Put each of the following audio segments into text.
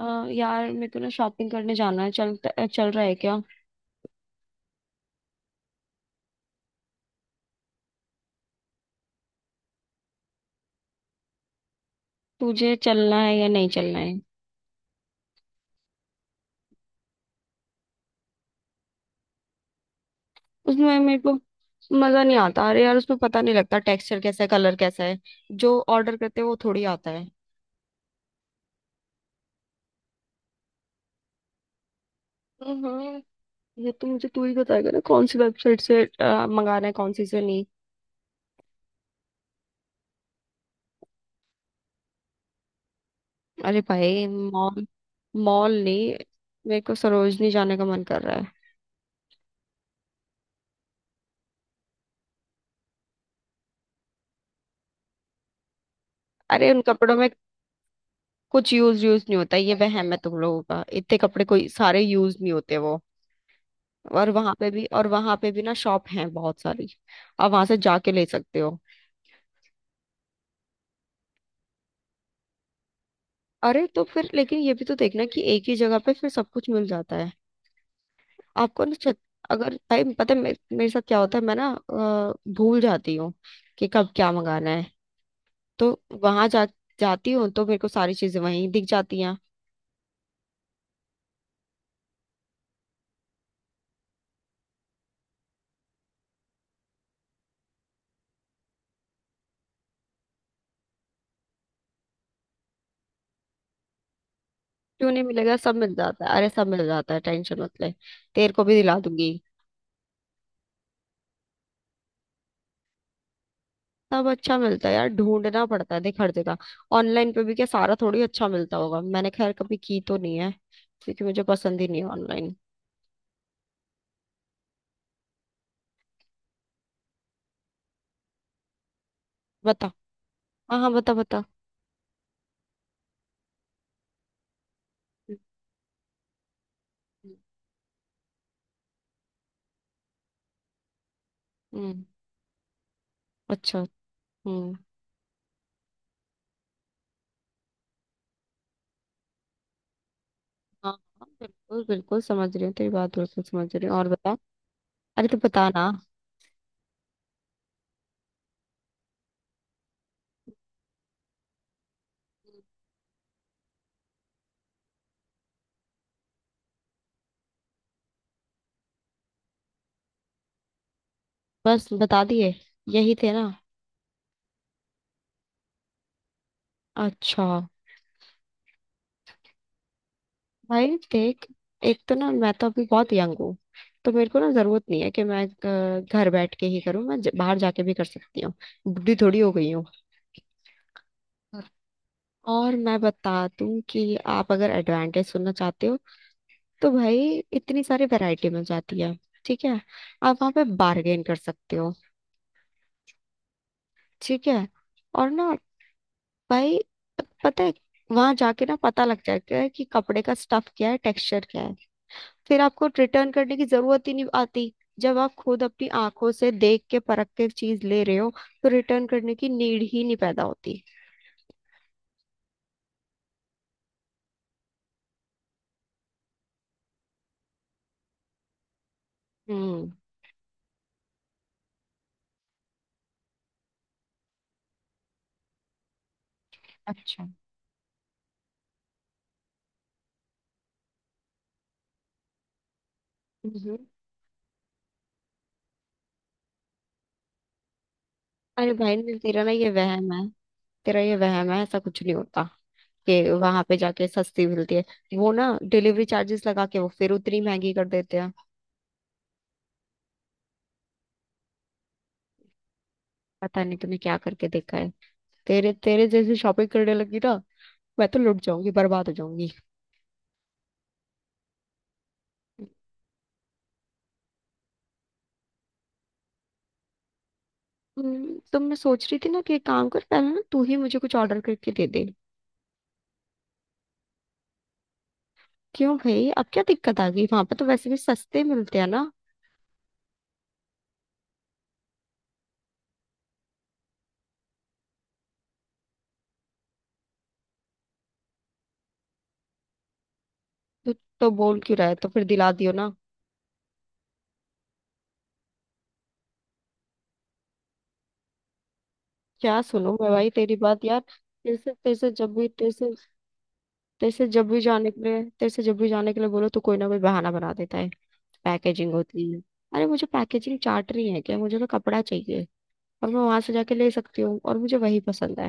अ, यार मेरे को ना शॉपिंग करने जाना है। चल चल रहा है क्या। तुझे चलना है या नहीं चलना है। उसमें मेरे को मजा नहीं आता। अरे यार, उसमें पता नहीं लगता टेक्सचर कैसा है, कलर कैसा है। जो ऑर्डर करते हैं वो थोड़ी आता है। हम्म। ये तो मुझे तू ही बताएगा ना कौन सी वेबसाइट से मंगाना है, कौन सी से नहीं। अरे भाई मॉल, मॉल नहीं, मेरे को सरोजनी जाने का मन कर रहा है। अरे उन कपड़ों में कुछ यूज यूज नहीं होता। ये वहम है तुम लोगों का। इतने कपड़े कोई सारे यूज नहीं होते वो। और वहां पे भी, और वहां पे भी ना शॉप हैं बहुत सारी। आप वहां से जाके ले सकते हो। अरे तो फिर लेकिन ये भी तो देखना कि एक ही जगह पे फिर सब कुछ मिल जाता है आपको ना छत। अगर भाई पता है मेरे साथ क्या होता है, मैं ना भूल जाती हूँ कि कब क्या मंगाना है। तो वहां जा जाती हूँ तो मेरे को सारी चीजें वहीं दिख जाती हैं। क्यों नहीं मिलेगा, सब मिल जाता है। अरे सब मिल जाता है, टेंशन मत ले, तेरे को भी दिला दूंगी। सब अच्छा मिलता है यार, ढूंढना पड़ता है, देख हर जगह। ऑनलाइन पे भी क्या सारा थोड़ी अच्छा मिलता होगा। मैंने खैर कभी की तो नहीं है, क्योंकि मुझे पसंद ही नहीं है ऑनलाइन। बता। हाँ हाँ, बता बता। हम्म। हम्म, अच्छा। हम्म। हाँ हाँ, बिल्कुल बिल्कुल समझ रही हूँ तेरी बात, बिल्कुल समझ रही हूँ, और बता। अरे तो बता ना। बस बता दिए, यही थे ना। अच्छा भाई, देख, एक तो ना मैं तो अभी बहुत यंग हूँ। तो मेरे को ना जरूरत नहीं है कि मैं घर बैठ के ही करूँ। मैं बाहर जाके भी कर सकती हूँ। बुढ़ी थोड़ी हो गई हूँ। और मैं बता दूं कि आप अगर एडवांटेज सुनना चाहते हो, तो भाई इतनी सारी वैरायटी मिल जाती है। ठीक है, आप वहां पे बार्गेन कर सकते हो। ठीक है, और ना भाई, पता है, वहां जाके ना पता लग जाता है कि कपड़े का स्टफ क्या है, टेक्सचर क्या है। फिर आपको रिटर्न करने की जरूरत ही नहीं आती। जब आप खुद अपनी आंखों से देख के परख के चीज ले रहे हो, तो रिटर्न करने की नीड ही नहीं पैदा होती। हम्म। अच्छा। हम्म। अरे भाई तेरा ना ये वहम है, तेरा ये वहम है, ऐसा कुछ नहीं होता कि वहां पे जाके सस्ती मिलती है। वो ना डिलीवरी चार्जेस लगा के वो फिर उतनी महंगी कर देते हैं। पता नहीं तूने क्या करके देखा है। तेरे तेरे जैसे शॉपिंग करने लगी ना, मैं तो लुट जाऊंगी, बर्बाद हो जाऊंगी। तो मैं सोच रही थी ना कि एक काम कर, पहले ना तू ही मुझे कुछ ऑर्डर करके दे दे। क्यों भाई, अब क्या दिक्कत आ गई? वहां पर तो वैसे भी सस्ते मिलते हैं ना। तो, तो बोल क्यों रहा है, तो फिर दिला दियो ना। क्या सुनूं मैं भाई तेरी बात, यार तेरे से जब भी तेरे से जब भी जाने के लिए, तेरे से जब भी जाने के लिए बोलो तो कोई ना कोई बहाना बना देता है। पैकेजिंग होती है। अरे मुझे पैकेजिंग चार्ट नहीं है क्या, मुझे तो कपड़ा चाहिए। और मैं वहां से जाके ले सकती हूँ, और मुझे वही पसंद है।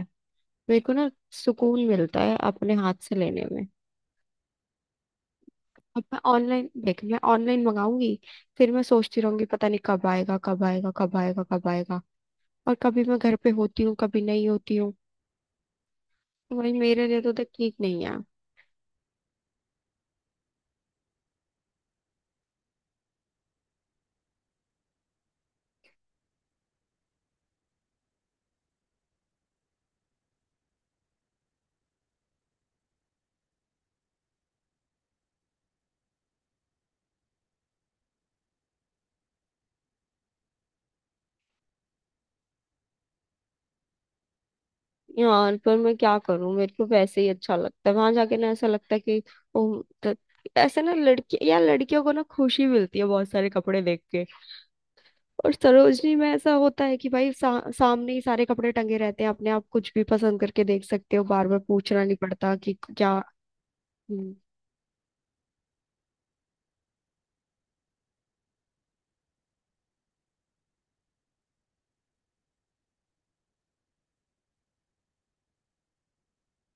मेरे को ना सुकून मिलता है अपने हाथ से लेने में। अब मैं ऑनलाइन देख, मैं ऑनलाइन मंगाऊंगी, फिर मैं सोचती रहूंगी पता नहीं कब आएगा, कब आएगा, कब आएगा, कब आएगा। और कभी मैं घर पे होती हूँ, कभी नहीं होती हूँ। वही मेरे लिए तो देख ठीक नहीं है। यार पर मैं क्या करूं, मेरे को वैसे ही अच्छा लगता है वहां जाके। ना ऐसा लगता है कि ओ, त- ऐसे ना लड़की या लड़कियों को ना खुशी मिलती है बहुत सारे कपड़े देख के। और सरोजनी में ऐसा होता है कि भाई सामने ही सारे कपड़े टंगे रहते हैं, अपने आप कुछ भी पसंद करके देख सकते हो, बार बार पूछना नहीं पड़ता कि क्या। हम्म।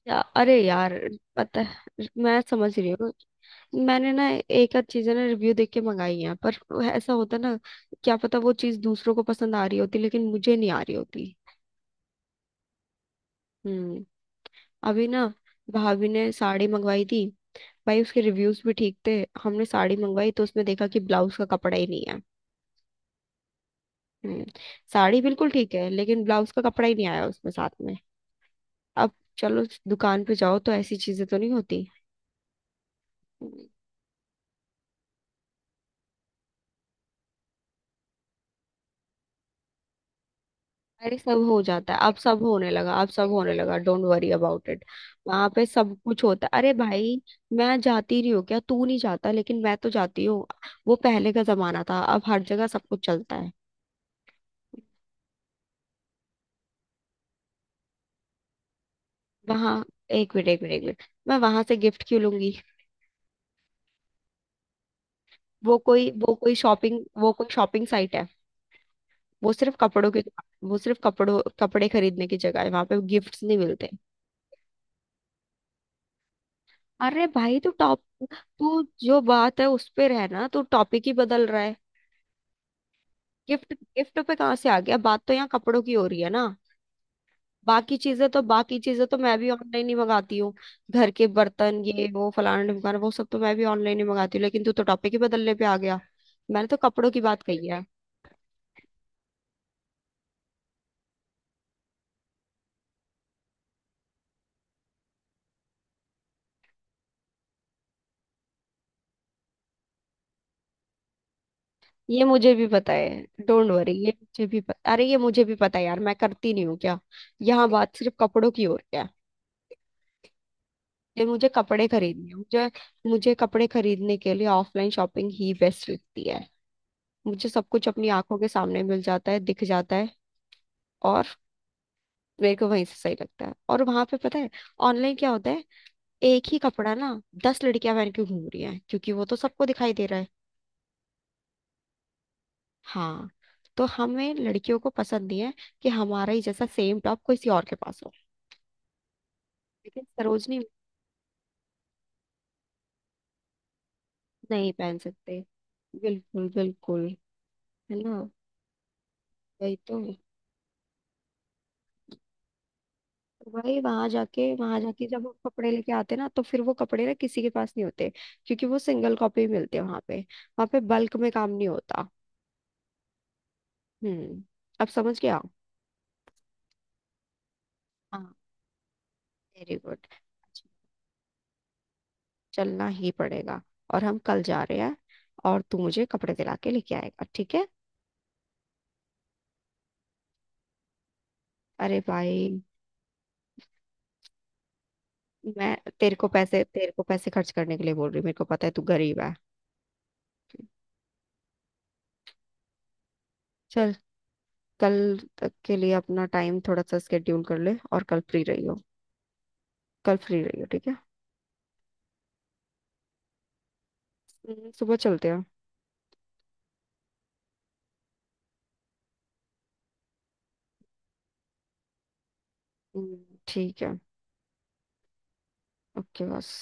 या, अरे यार पता है, मैं समझ रही हूँ। मैंने ना एक आध चीजें ना रिव्यू देख के मंगाई हैं, पर ऐसा होता ना, क्या पता वो चीज दूसरों को पसंद आ रही होती लेकिन मुझे नहीं आ रही होती। हम्म। अभी ना भाभी ने साड़ी मंगवाई थी, भाई उसके रिव्यूज भी ठीक थे। हमने साड़ी मंगवाई तो उसमें देखा कि ब्लाउज का कपड़ा ही नहीं है। हम्म, साड़ी बिल्कुल ठीक है लेकिन ब्लाउज का कपड़ा ही नहीं आया उसमें साथ में। अब चलो उस दुकान पे जाओ तो ऐसी चीजें तो नहीं होती। हम्म, अरे सब हो जाता है, अब सब होने लगा, अब सब होने लगा, डोंट वरी अबाउट इट। वहां पे सब कुछ होता है, अरे भाई मैं जाती नहीं हूँ क्या? तू नहीं जाता लेकिन मैं तो जाती हूँ। वो पहले का जमाना था, अब हर जगह सब कुछ चलता है। वहां एक मिनट, एक मिनट, एक मिनट, मैं वहां से गिफ्ट क्यों लूंगी। वो कोई शॉपिंग वो कोई शॉपिंग साइट है? वो सिर्फ कपड़ों कपड़े खरीदने की जगह है, वहां पे गिफ्ट्स नहीं मिलते। अरे भाई तू टॉप, तू जो बात है उस पे रहना, तू टॉपिक ही बदल रहा है। गिफ्ट गिफ्ट पे कहाँ से आ गया, बात तो यहाँ कपड़ों की हो रही है ना। बाकी चीजें तो मैं भी ऑनलाइन ही मंगाती हढी हूँ। घर के बर्तन, ये वो, फलाना ढिमकाना, वो सब तो मैं भी ऑनलाइन ही मंगाती हूँ, लेकिन तू तो टॉपिक ही बदलने पे आ गया। मैंने तो कपड़ों की बात कही है। ये मुझे भी पता है, डोंट वरी, ये मुझे भी पता, अरे ये मुझे भी पता है यार, मैं करती नहीं हूँ क्या। यहाँ बात सिर्फ कपड़ों की हो रही है। ये मुझे कपड़े खरीदने हैं, मुझे मुझे कपड़े खरीदने के लिए ऑफलाइन शॉपिंग ही बेस्ट लगती है। मुझे सब कुछ अपनी आंखों के सामने मिल जाता है, दिख जाता है। और मेरे को वहीं से सही लगता है। और वहां पे पता है ऑनलाइन क्या होता है, एक ही कपड़ा ना दस लड़कियां पहन के घूम रही हैं, क्योंकि वो तो सबको दिखाई दे रहा है। हाँ, तो हमें लड़कियों को पसंद नहीं है कि हमारा ही जैसा सेम टॉप किसी और के पास हो। लेकिन सरोजनी नहीं पहन सकते, बिल्कुल बिल्कुल, है ना, वही तो। तो भाई वहां जाके जब वो कपड़े लेके आते ना, तो फिर वो कपड़े ना किसी के पास नहीं होते, क्योंकि वो सिंगल कॉपी मिलते हैं। वहां पे बल्क में काम नहीं होता। हम्म, अब समझ गया। हाँ, वेरी गुड। चलना ही पड़ेगा, और हम कल जा रहे हैं, और तू मुझे कपड़े दिला के लेके आएगा, ठीक है। अरे भाई, मैं तेरे को पैसे खर्च करने के लिए बोल रही हूँ, मेरे को पता है तू गरीब है। चल, कल तक के लिए अपना टाइम थोड़ा सा स्केड्यूल कर ले, और कल फ्री रही हो, कल फ्री रही हो, ठीक है। सुबह चलते हैं। ठीक है। ओके बस।